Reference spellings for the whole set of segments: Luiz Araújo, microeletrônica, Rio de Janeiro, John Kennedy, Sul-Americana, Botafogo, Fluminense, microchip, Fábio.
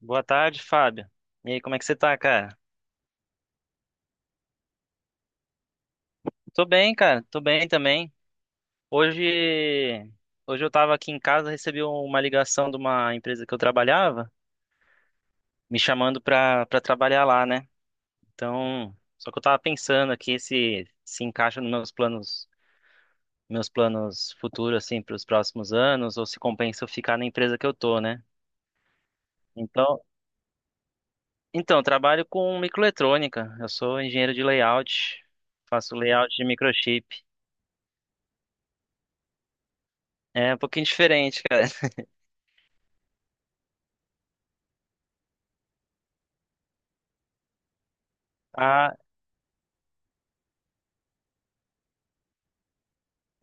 Boa tarde, Fábio. E aí, como é que você tá, cara? Tô bem, cara. Tô bem também. Hoje, hoje eu tava aqui em casa, recebi uma ligação de uma empresa que eu trabalhava, me chamando pra trabalhar lá, né? Então, só que eu tava pensando aqui se se encaixa nos meus planos futuros, assim, pros próximos anos, ou se compensa eu ficar na empresa que eu tô, né? Então, então, eu trabalho com microeletrônica. Eu sou engenheiro de layout, faço layout de microchip. É um pouquinho diferente, cara. Ah,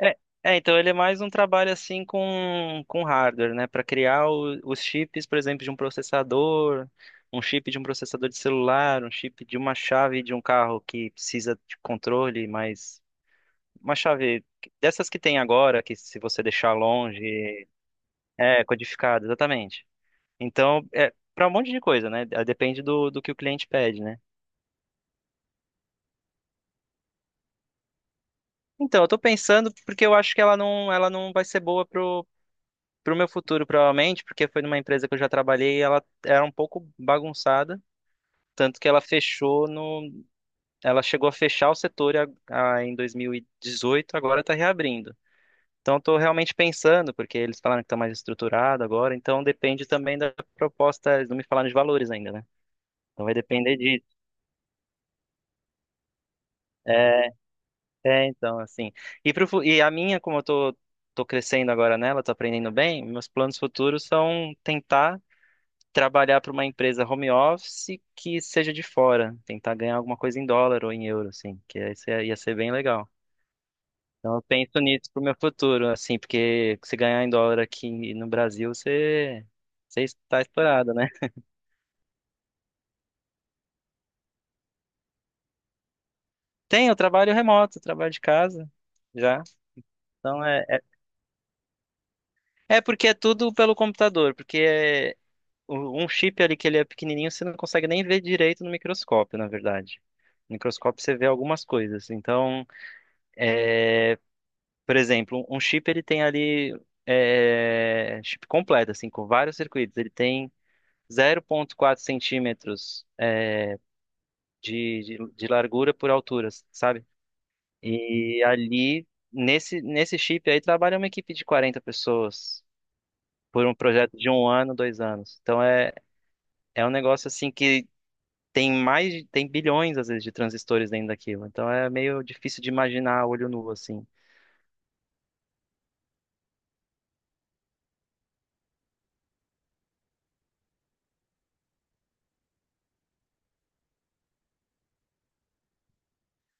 é, então ele é mais um trabalho assim com hardware, né? Para criar os chips, por exemplo, de um processador, um chip de um processador de celular, um chip de uma chave de um carro que precisa de controle, mas uma chave dessas que tem agora, que se você deixar longe, é codificado, exatamente. Então, é para um monte de coisa, né? É, depende do que o cliente pede, né? Então, eu tô pensando porque eu acho que ela não vai ser boa pro meu futuro, provavelmente, porque foi numa empresa que eu já trabalhei e ela era um pouco bagunçada, tanto que ela fechou no, ela chegou a fechar o setor em 2018, agora está reabrindo. Então, estou realmente pensando, porque eles falaram que está mais estruturado agora, então depende também da proposta, eles não me falaram de valores ainda, né? Então vai depender disso. É, então, assim. E, pro, fu- e a minha, como eu tô, tô crescendo agora nela, tô aprendendo bem, meus planos futuros são tentar trabalhar para uma empresa home office que seja de fora, tentar ganhar alguma coisa em dólar ou em euro, assim, que aí ia ser bem legal. Então eu penso nisso pro meu futuro, assim, porque se ganhar em dólar aqui no Brasil, você está estourado, né? Tem, eu trabalho remoto, eu trabalho de casa já. Então é porque é tudo pelo computador, um chip ali que ele é pequenininho, você não consegue nem ver direito no microscópio, na verdade. No microscópio você vê algumas coisas. Então, por exemplo, um chip ele tem ali, é, chip completo, assim, com vários circuitos. Ele tem 0,4 centímetros é, de largura por altura, sabe? E ali, nesse chip aí, trabalha uma equipe de 40 pessoas por um projeto de 1 ano, 2 anos. É um negócio assim que tem bilhões, às vezes, de transistores dentro daquilo. Então é meio difícil de imaginar a olho nu, assim.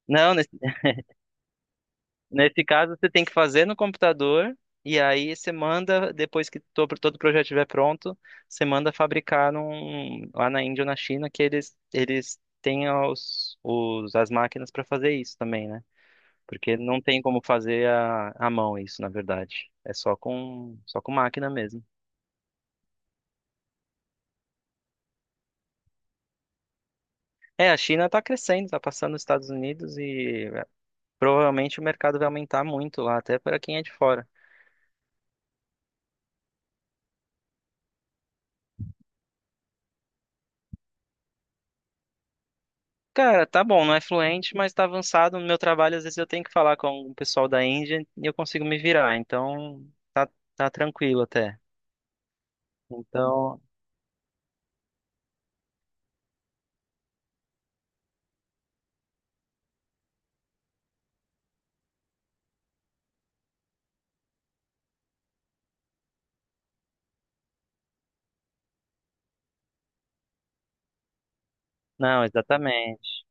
Não, nesse caso, você tem que fazer no computador e aí você manda, depois que todo o projeto estiver pronto, você manda fabricar lá na Índia ou na China que eles têm as máquinas para fazer isso também, né? Porque não tem como fazer a mão isso, na verdade. É só só com máquina mesmo. É, a China está crescendo, está passando os Estados Unidos e provavelmente o mercado vai aumentar muito lá, até para quem é de fora. Cara, tá bom, não é fluente, mas tá avançado no meu trabalho. Às vezes eu tenho que falar com o pessoal da Índia e eu consigo me virar. Então, tá, tá tranquilo até. Então, não, exatamente.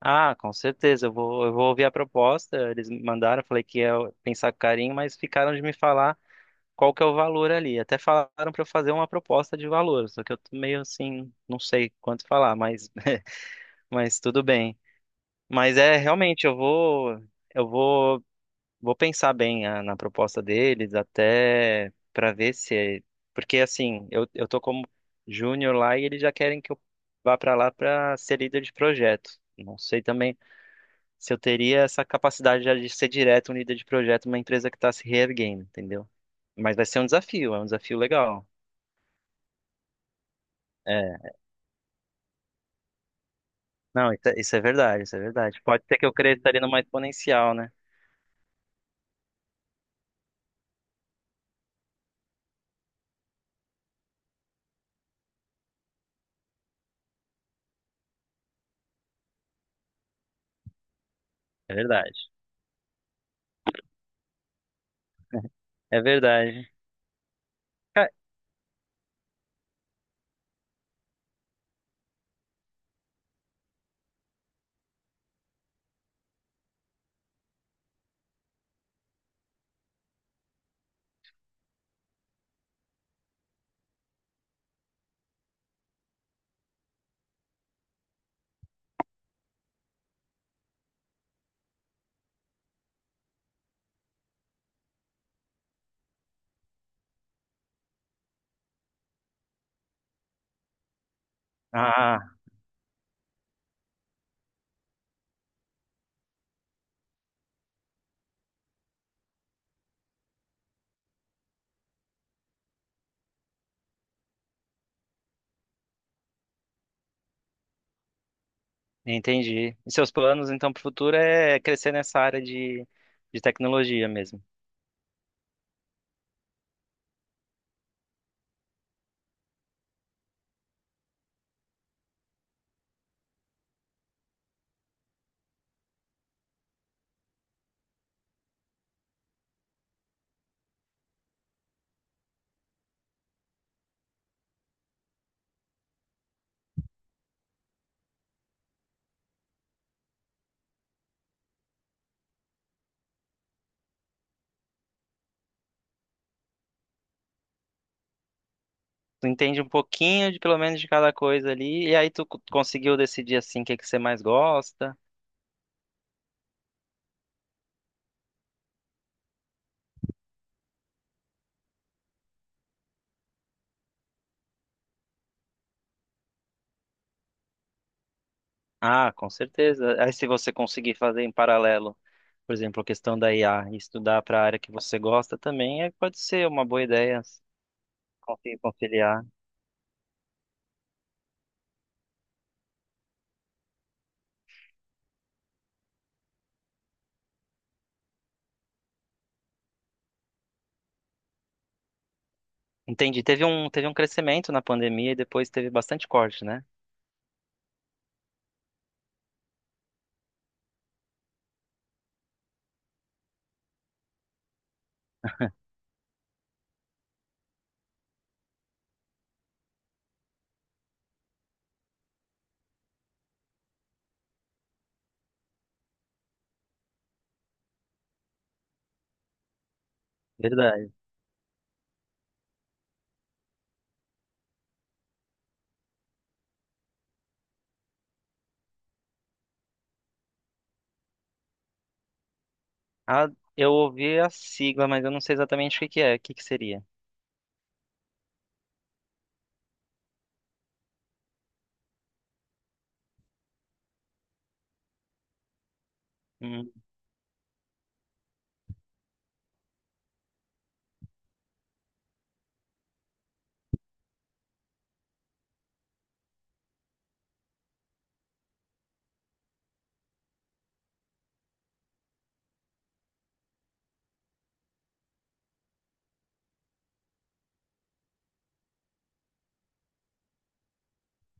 Ah, com certeza. Eu vou ouvir a proposta. Eles me mandaram, eu falei que ia pensar com carinho, mas ficaram de me falar qual que é o valor ali. Até falaram pra eu fazer uma proposta de valor, só que eu tô meio assim, não sei quanto falar, mas, mas tudo bem. Mas é realmente, eu vou. Eu vou vou pensar bem na proposta deles até para ver se é... Porque assim, eu tô como júnior lá e eles já querem que eu vá para lá para ser líder de projeto. Não sei também se eu teria essa capacidade já de ser direto um líder de projeto numa empresa que está se reerguendo, entendeu? Mas vai ser um desafio, é um desafio legal. É, não, isso é verdade, isso é verdade. Pode ser que eu cresça ali numa exponencial, né? É verdade. É verdade. Ca- Ah, Entendi. E seus planos, então, para o futuro é crescer nessa área de tecnologia mesmo. Tu entende um pouquinho de pelo menos de cada coisa ali, e aí tu conseguiu decidir assim o que que você mais gosta. Ah, com certeza. Aí se você conseguir fazer em paralelo, por exemplo, a questão da IA e estudar para a área que você gosta também, é, pode ser uma boa ideia assim, conseguir conciliar. Entendi. Teve um crescimento na pandemia e depois teve bastante corte, né? Verdade. Ah, eu ouvi a sigla, mas eu não sei exatamente o que que é. O que que seria? Hum,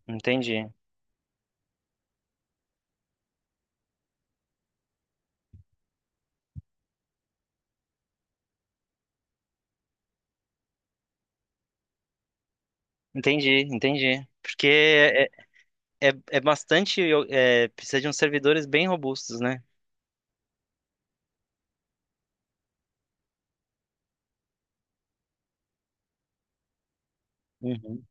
entendi. Entendi, entendi. Porque é bastante. É, precisa de uns servidores bem robustos, né? Uhum.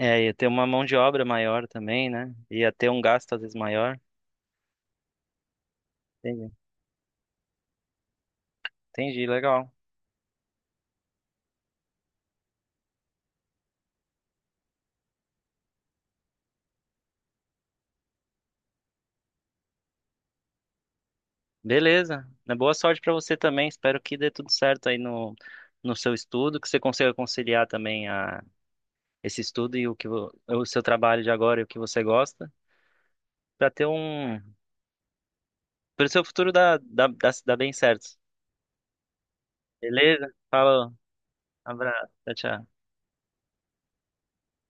É, ia ter uma mão de obra maior também, né? Ia ter um gasto às vezes maior. Entendi. Entendi, legal. Beleza, né? Boa sorte pra você também. Espero que dê tudo certo aí no, no seu estudo, que você consiga conciliar também esse estudo e o que o seu trabalho de agora e o que você gosta, para ter um pro seu futuro dá bem certo. Beleza? Falou. Abraço. Tchau, tchau.